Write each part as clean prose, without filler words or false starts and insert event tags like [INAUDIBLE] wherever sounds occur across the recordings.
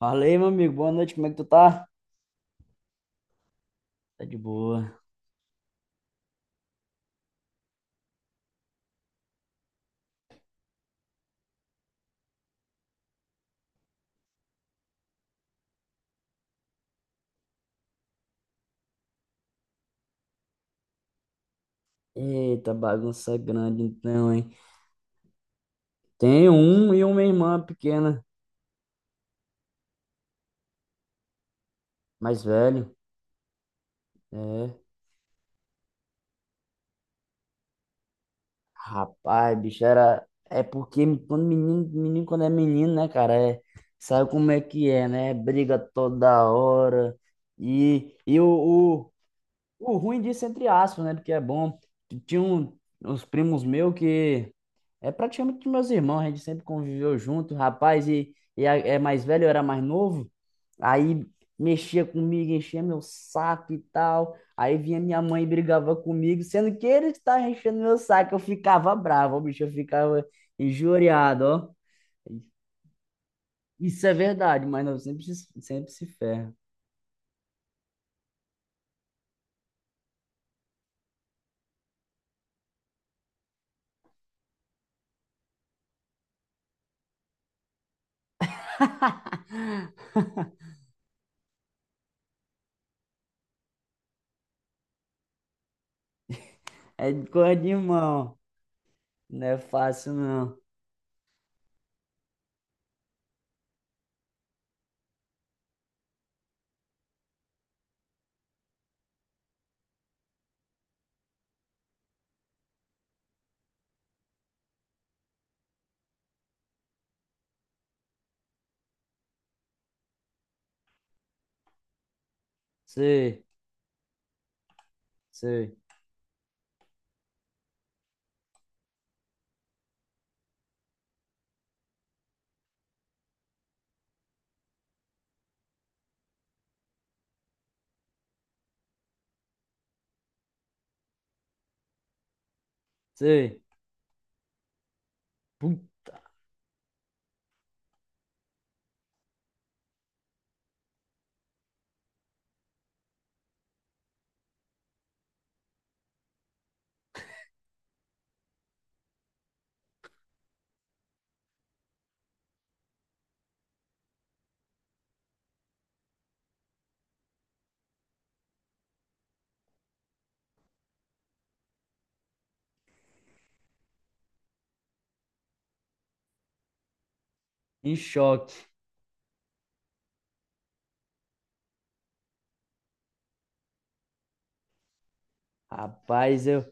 Fala aí, meu amigo. Boa noite, como é que tu tá? Tá de boa. Eita, bagunça grande então, hein? Tenho um e uma irmã pequena, mais velho. É. Rapaz, bicho, era. É porque quando menino, menino quando é menino, né, cara? Sabe como é que é, né? Briga toda hora. E, e o, O ruim disso, é entre aspas, né? Porque é bom. Tinha um, Uns primos meus que é praticamente meus irmãos, a gente sempre conviveu junto, rapaz, é mais velho, eu era mais novo, aí mexia comigo, enchia meu saco e tal, aí vinha minha mãe e brigava comigo, sendo que ele que estava enchendo meu saco, eu ficava bravo, ó, bicho, eu ficava injuriado, ó. Isso é verdade, mas não, sempre, sempre se ferra. [LAUGHS] É coisa de irmão, não é fácil não. Sei, sei, sei. Pum, em choque. Rapaz, eu.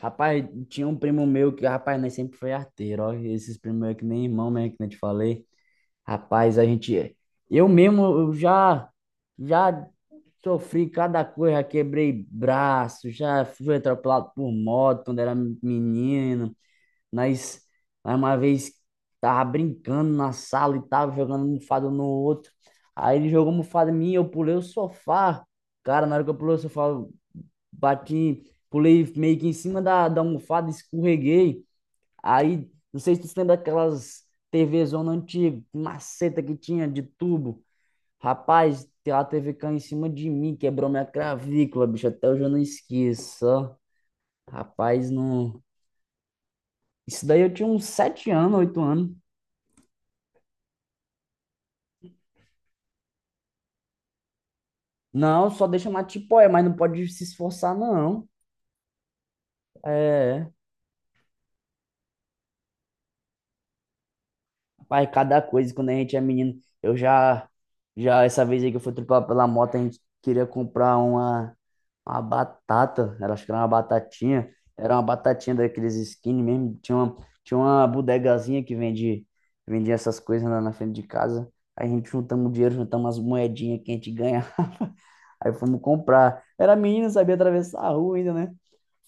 Rapaz, tinha um primo meu que, rapaz, nós sempre foi arteiro, ó. Esses primos meus que nem irmão mesmo, que nem te falei. Rapaz, a gente. Eu mesmo, eu já. Já sofri cada coisa, já quebrei braço, já fui atropelado por moto quando era menino. Nós, nós uma vez tava brincando na sala e tava jogando mofada um no outro. Aí ele jogou mofada em mim, eu pulei o sofá. Cara, na hora que eu pulei o sofá, eu bati, pulei meio que em cima da, da almofada, escorreguei. Aí, não sei se tu se lembra daquelas TV zona antiga, maceta que tinha de tubo. Rapaz, a TV caiu em cima de mim, quebrou minha clavícula, bicho. Até hoje eu não esqueço, ó. Rapaz, não. Isso daí eu tinha uns 7 anos, 8 anos. Não, só deixa mais tipo, é, mas não pode se esforçar, não. É, pai, cada coisa, quando a gente é menino, essa vez aí que eu fui tripar pela moto, a gente queria comprar uma batata, era, acho que era uma batatinha daqueles skinny mesmo, tinha uma bodegazinha que vendia essas coisas lá na frente de casa, aí a gente juntamos dinheiro, juntamos umas moedinhas que a gente ganhava. Aí fomos comprar. Era menino, sabia atravessar a rua ainda, né?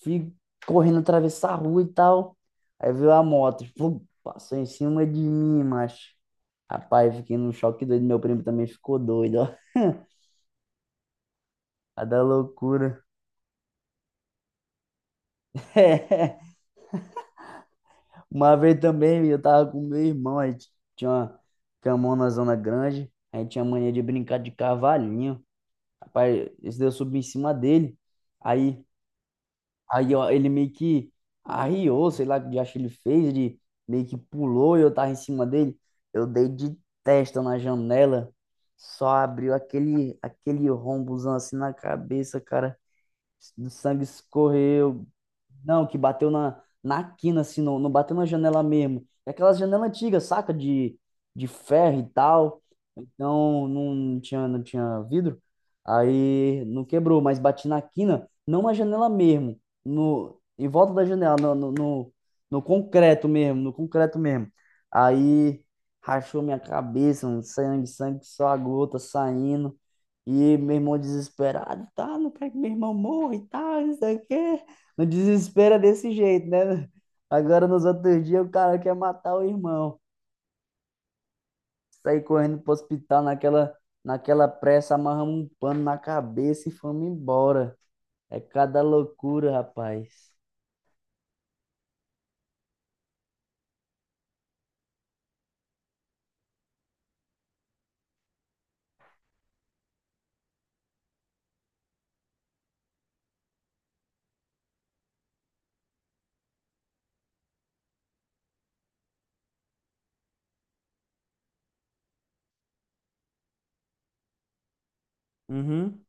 Fui correndo atravessar a rua e tal. Aí veio a moto, flum, passou em cima de mim, macho. Rapaz, fiquei num choque doido. Meu primo também ficou doido, ó. A da loucura. [LAUGHS] É. Uma vez também, eu tava com meu irmão, a gente tinha uma camão na zona grande. A gente tinha mania de brincar de cavalinho. Rapaz, esse daí eu subi em cima dele. Aí aí ó, ele meio que arriou, sei lá o que diacho ele fez, ele meio que pulou e eu tava em cima dele. Eu dei de testa na janela, só abriu aquele, aquele rombozão assim na cabeça, cara. O sangue escorreu. Não, que bateu na, na quina, assim, não, não bateu na janela mesmo. É aquelas janelas antigas, saca? De ferro e tal. Então não tinha vidro. Aí não quebrou, mas bati na quina, não na janela mesmo. No, em volta da janela, no concreto mesmo, no concreto mesmo. Aí rachou minha cabeça, um sangue, sangue, só a gota saindo. E meu irmão desesperado, tá? Não quero que meu irmão morra e tal, não sei o quê. No desespero é desse jeito, né? Agora nos outros dias o cara quer matar o irmão. Saí correndo pro hospital naquela, naquela pressa, amarramos um pano na cabeça e fomos embora. É cada loucura, rapaz. Uhum.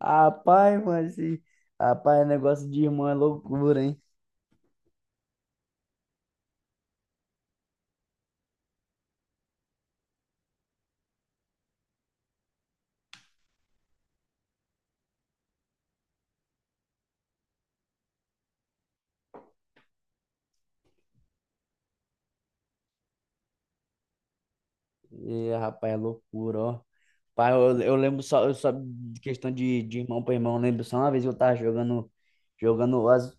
Rapaz, mas esse- rapaz, negócio de irmão é loucura, hein? E, rapaz, é loucura, ó. Pai, eu lembro só, eu só de questão de irmão para irmão, eu lembro só uma vez eu tava jogando, jogando, as-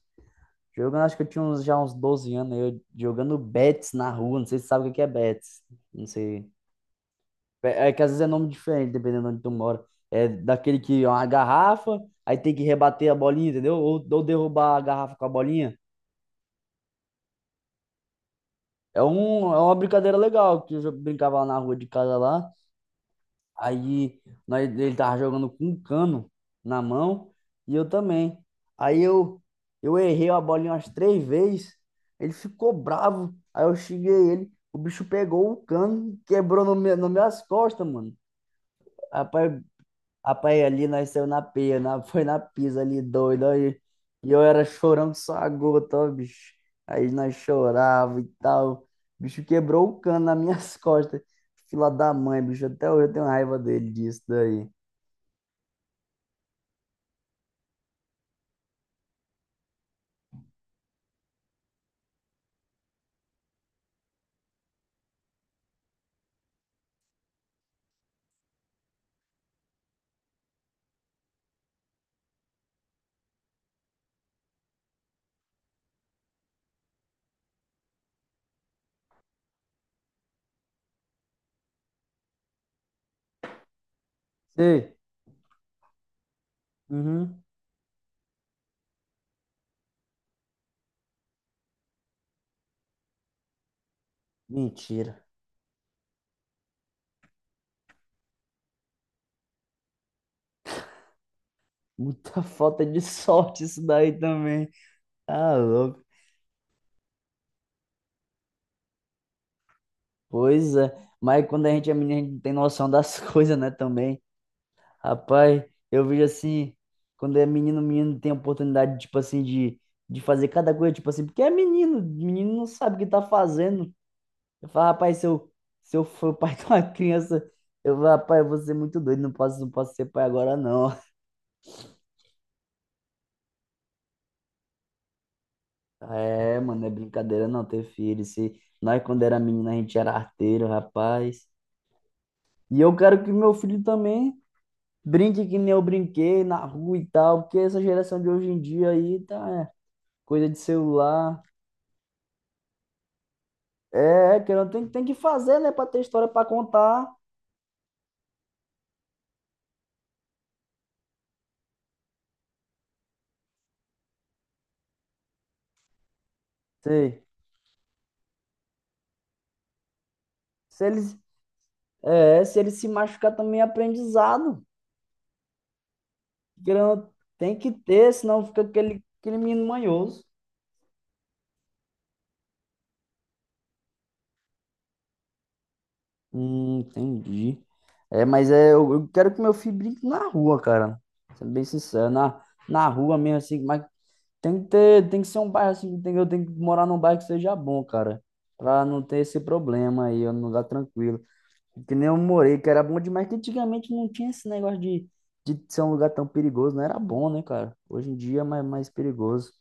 jogando, acho que eu tinha uns, já uns 12 anos, eu jogando bets na rua, não sei se você sabe o que que é bets, não sei. É que às vezes é nome diferente, dependendo de onde tu mora. É daquele que é uma garrafa, aí tem que rebater a bolinha, entendeu? Ou derrubar a garrafa com a bolinha. É uma brincadeira legal que eu já brincava lá na rua de casa lá. Aí ele tava jogando com um cano na mão e eu também. Aí eu errei a bolinha umas três vezes, ele ficou bravo. Aí eu xinguei ele, o bicho pegou o cano e quebrou no meu, nas minhas costas, mano. Rapaz, Rapaz, ali nasceu [LAUGHS] foi na pisa ali, doido. Aí, e eu era chorão que só a gota, ó, bicho. Aí nós chorava e tal. O bicho quebrou o cano nas [LAUGHS] minhas costas. Fila da mãe, bicho. Até hoje eu tenho raiva dele disso daí. Sei. Uhum. Mentira. Muita [LAUGHS] falta de sorte isso daí também. Tá louco. Pois é. Mas quando a gente é menino, a gente não tem noção das [LAUGHS] coisas, né, também. Rapaz, eu vejo assim, quando é menino, menino tem oportunidade, tipo assim, de fazer cada coisa, tipo assim, porque é menino, menino não sabe o que tá fazendo. Eu falo, rapaz, se eu for pai [LAUGHS] de uma criança, eu falo, rapaz, eu vou ser muito doido, não posso ser pai agora, não. [LAUGHS] É, mano, é brincadeira não ter filho. Se nós, quando era menino, a gente era arteiro, rapaz. E eu quero que meu filho também brinque que nem eu brinquei na rua e tal, porque essa geração de hoje em dia aí tá, coisa de celular. É, que não tem, tem que fazer, né, para ter história para contar. Sei. Se eles, se eles se machucar também é aprendizado. Querendo, ou não, tem que ter, senão fica aquele, aquele menino manhoso. Entendi. É, mas é, eu quero que meu filho brinque na rua, cara. Sendo bem sincero, na, na rua mesmo, assim, mas tem que ter, tem que ser um bairro assim, eu tenho que morar num bairro que seja bom, cara. Pra não ter esse problema aí, num lugar tranquilo. Que nem eu morei, que era bom demais, que antigamente não tinha esse negócio de ser um lugar tão perigoso, não era bom, né, cara? Hoje em dia é mais, mais perigoso.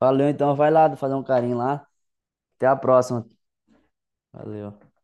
Valeu, então, vai lá fazer um carinho lá. Até a próxima. Valeu.